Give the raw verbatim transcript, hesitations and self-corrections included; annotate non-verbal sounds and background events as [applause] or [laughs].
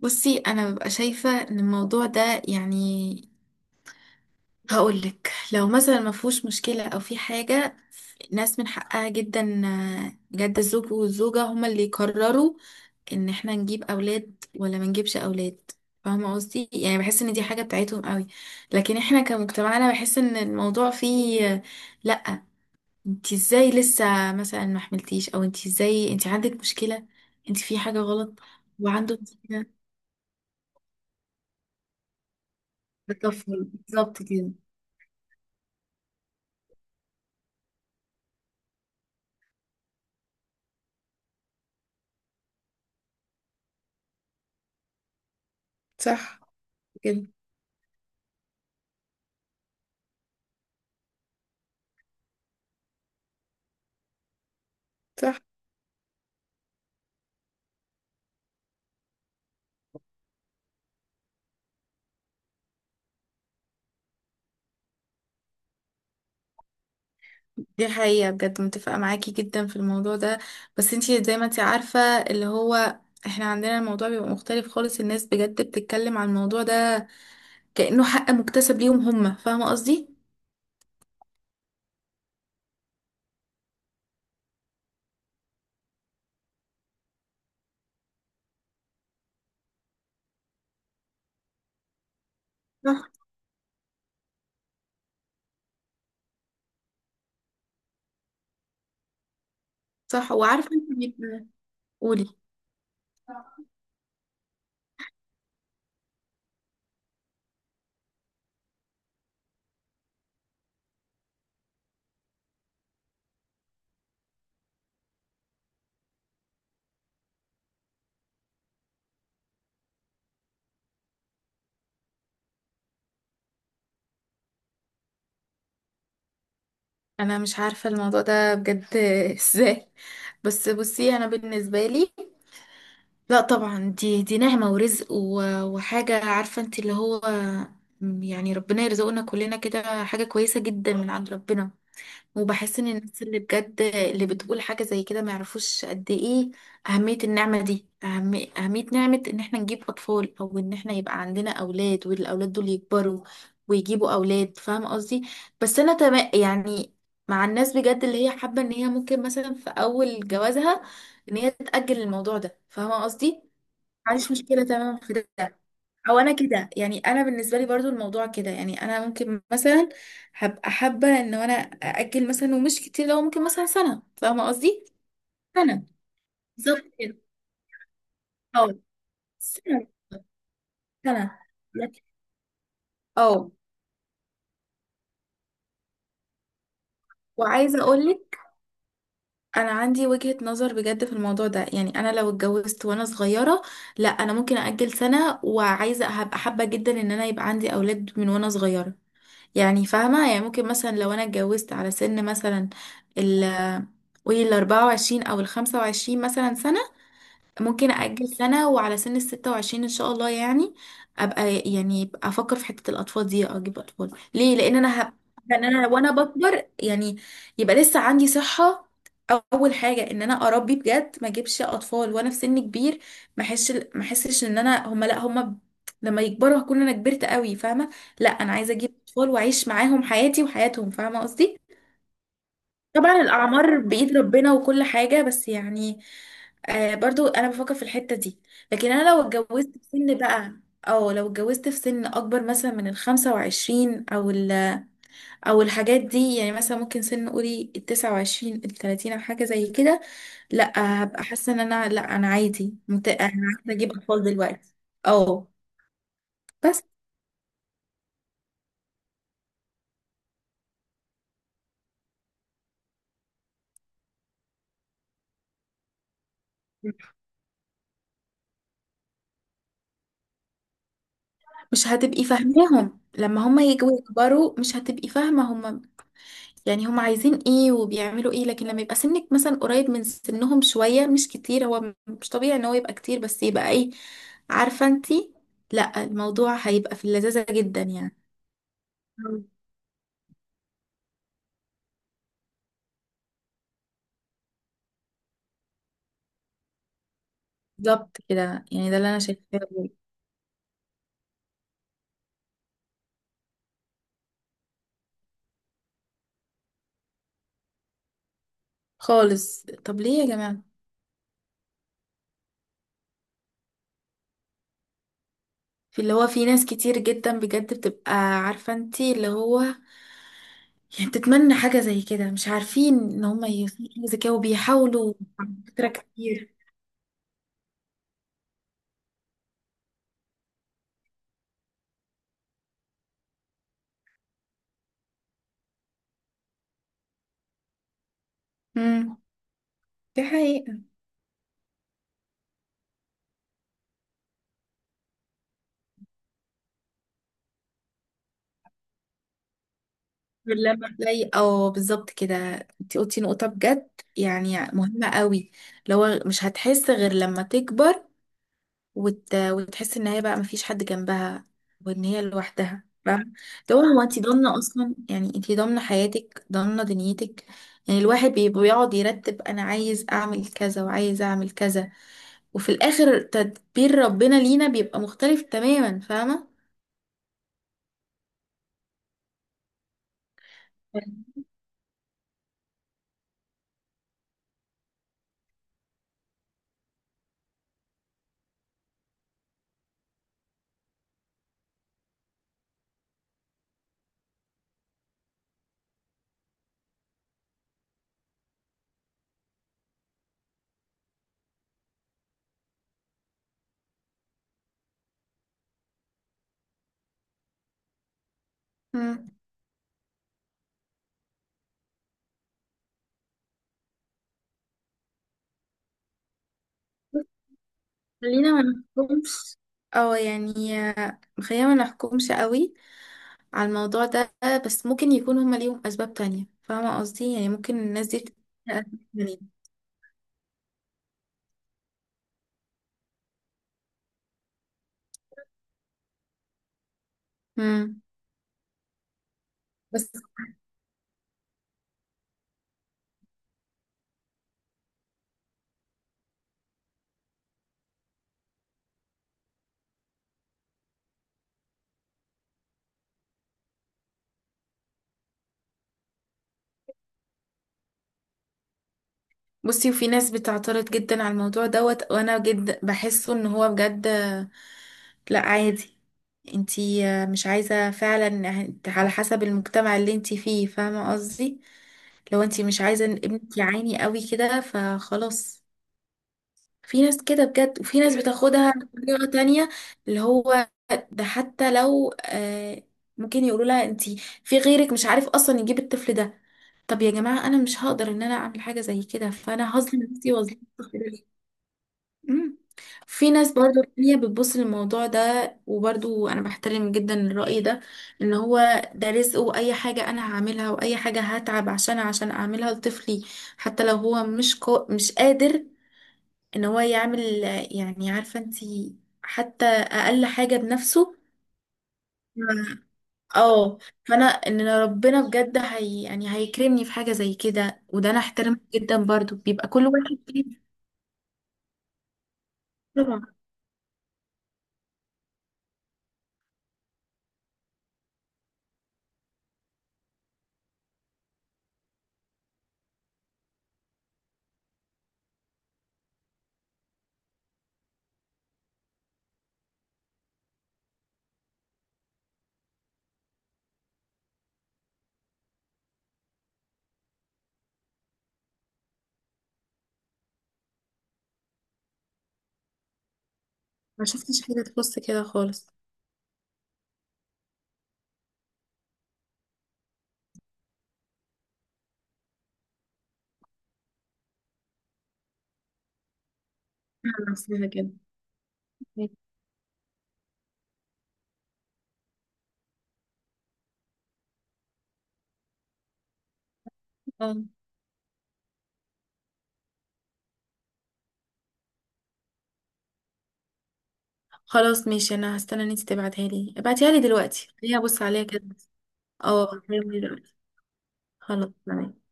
بصي، انا ببقى شايفه ان الموضوع ده يعني هقولك لو مثلا ما فيهوش مشكله او في حاجه، الناس من حقها جدا، آه، بجد الزوج والزوجه هما اللي يقرروا ان احنا نجيب اولاد ولا ما نجيبش اولاد. فاهمه قصدي؟ يعني بحس ان دي حاجه بتاعتهم قوي. لكن احنا كمجتمعنا بحس ان الموضوع فيه آه، لا، انت ازاي لسه مثلا ما حملتيش، او انت ازاي انت عندك مشكله، انت في حاجه غلط وعنده مشكله بالطفل، بالظبط كده. صح كده. صح دي حقيقة بجد، متفقة معاكي جدا في الموضوع ده. بس انتي زي ما انتي عارفة، اللي هو احنا عندنا الموضوع بيبقى مختلف خالص، الناس بجد بتتكلم عن الموضوع ده كأنه حق مكتسب ليهم هما، فاهمة قصدي؟ صح. صح. وعارفة انتي بيبقى- قولي. انا مش عارفة الموضوع ده بجد [laughs] ازاي. بس بصي، انا بالنسبة لي، لا طبعا دي دي نعمة ورزق و- وحاجة، عارفة انت اللي هو يعني ربنا يرزقنا كلنا كده، حاجة كويسة جدا من عند ربنا. وبحس ان الناس اللي بجد اللي بتقول حاجة زي كده ما يعرفوش قد ايه أهمية النعمة دي، أهم أهمية نعمة ان احنا نجيب أطفال او ان احنا يبقى عندنا أولاد، والأولاد دول يكبروا ويجيبوا أولاد، فاهم قصدي. بس انا تمام يعني مع الناس بجد اللي هي حابة ان هي ممكن مثلا في اول جوازها ان هي تتأجل الموضوع ده، فاهمة قصدي. ما عنديش مشكلة، تمام في ده. او انا كده، يعني انا بالنسبة لي برضو الموضوع كده، يعني انا ممكن مثلا هبقى حابة ان انا اجل مثلا، ومش كتير، لو ممكن مثلا سنة، فاهمة قصدي. سنة بالظبط كده، اه، سنة، سنة لكن- اه. وعايزة اقولك انا عندي وجهة نظر بجد في الموضوع ده، يعني انا لو اتجوزت وانا صغيرة، لا انا ممكن اجل سنة، وعايزة هبقى حابة جدا ان انا يبقى عندي اولاد من وانا صغيرة. يعني فاهمة، يعني ممكن مثلا لو أنا اتجوزت على سن مثلا ال قولي الأربعة وعشرين أو الخمسة وعشرين مثلا سنة، ممكن أأجل سنة وعلى سن الستة وعشرين إن شاء الله، يعني أبقى يعني أبقى أفكر في حتة الأطفال دي، أجيب أطفال ليه؟ لأن أنا هب... لأن أنا وأنا بكبر، يعني يبقى لسه عندي صحة. أول حاجة إن أنا أربي بجد، ما أجيبش أطفال وأنا في سن كبير. ما أحسش ما أحسش إن أنا، هما لأ، هما ب- لما يكبروا هكون أنا كبرت قوي، فاهمة؟ لأ، أنا عايزة أجيب أطفال وأعيش معاهم حياتي وحياتهم، فاهمة قصدي؟ طبعا الأعمار بإيد ربنا وكل حاجة، بس يعني آه برضو أنا بفكر في الحتة دي. لكن أنا لو اتجوزت في سن بقى، أو لو اتجوزت في سن أكبر مثلا من الخمسة وعشرين أو ال أو الحاجات دي، يعني مثلا ممكن سن قولي التسعة وعشرين، التلاتين، أو حاجة زي كده. لأ، هبقى حاسة إن أنا لأ، أنا عادي مت... أنا عايزة أجيب أطفال دلوقتي، أه. بس مش هتبقي فاهماهم لما هما يجوا يكبروا، مش هتبقي فاهمة هما يعني هم عايزين ايه وبيعملوا ايه. لكن لما يبقى سنك مثلا قريب من سنهم شوية مش كتير، هو م- مش طبيعي ان هو يبقى كتير، بس يبقى ايه، عارفة انتي، لا الموضوع هيبقى في اللذاذة جدا يعني. مم. بالظبط كده، يعني ده اللي انا شايفاه بجد. خالص، طب ليه يا جماعة؟ في اللي هو في ناس كتير جدا بجد بتبقى عارفة انتي اللي هو يعني بتتمنى حاجة زي كده، مش عارفين ان هم يوصلوا لحاجة زي كده وبيحاولوا، على فكرة، كتير. امم، دي حقيقة. لما تلاقي، اه بالظبط كده. انت قلتي نقطة بجد يعني مهمة قوي. لو مش هتحس غير لما تكبر وت... وتحس ان هي بقى مفيش حد جنبها، وان هي لوحدها، فاهمة. لو هو هو انت ضامنة اصلا، يعني انت ضامنة حياتك، ضامنة دنيتك. يعني الواحد بي- بيقعد يرتب، انا عايز اعمل كذا وعايز اعمل كذا، وفي الاخر تدبير ربنا لينا بيبقى مختلف تماما، فاهمة. مم. خلينا ما نحكمش، او يعني آه، خلينا ما نحكمش قوي على الموضوع ده. بس ممكن يكون هما ليهم اسباب تانية، فاهمة قصدي، يعني ممكن الناس دي بت- يعني امم بس. بصي، وفي ناس بتعترض جدا على الموضوع دوت، وانا جد بحسه ان هو بجد آه، لا عادي. انتي آه، مش عايزة فعلا هت- على حسب المجتمع اللي انتي فيه، فاهمة قصدي. لو انتي مش عايزة ان ابنك يعاني قوي كده، فخلاص. في ناس كده بجد، وفي ناس بتاخدها بطريقة تانية، اللي هو ده. حتى لو آه ممكن يقولوا لها انتي في غيرك مش عارف اصلا يجيب الطفل ده، طب يا جماعة انا مش هقدر ان انا اعمل حاجة زي كده، فانا هظلم نفسي واظلم الطفل ده ليه؟ مم. في ناس برضو تانية بتبص للموضوع ده، وبرضو انا بحترم جدا الرأي ده، ان هو ده رزق، واي حاجة انا هعملها واي حاجة هتعب عشان عشان اعملها لطفلي، حتى لو هو مش قا... مش قادر ان هو يعمل، يعني عارفة انتي، حتى اقل حاجة بنفسه. مم. اه. فانا ان ربنا بجد هي يعني هيكرمني في حاجة زي كده، وده انا احترمه جدا، برضو بيبقى كل واحد فيه، طبعا. ما شفتش حاجة تخص كده خالص. أنا نفسها كده. اه، خلاص ماشي، انا هستنى ان انتي تبعتها لي، ابعتيها لي دلوقتي خليني ابص عليها كده. اه، هبعتها لي دلوقتي. خلاص تمام.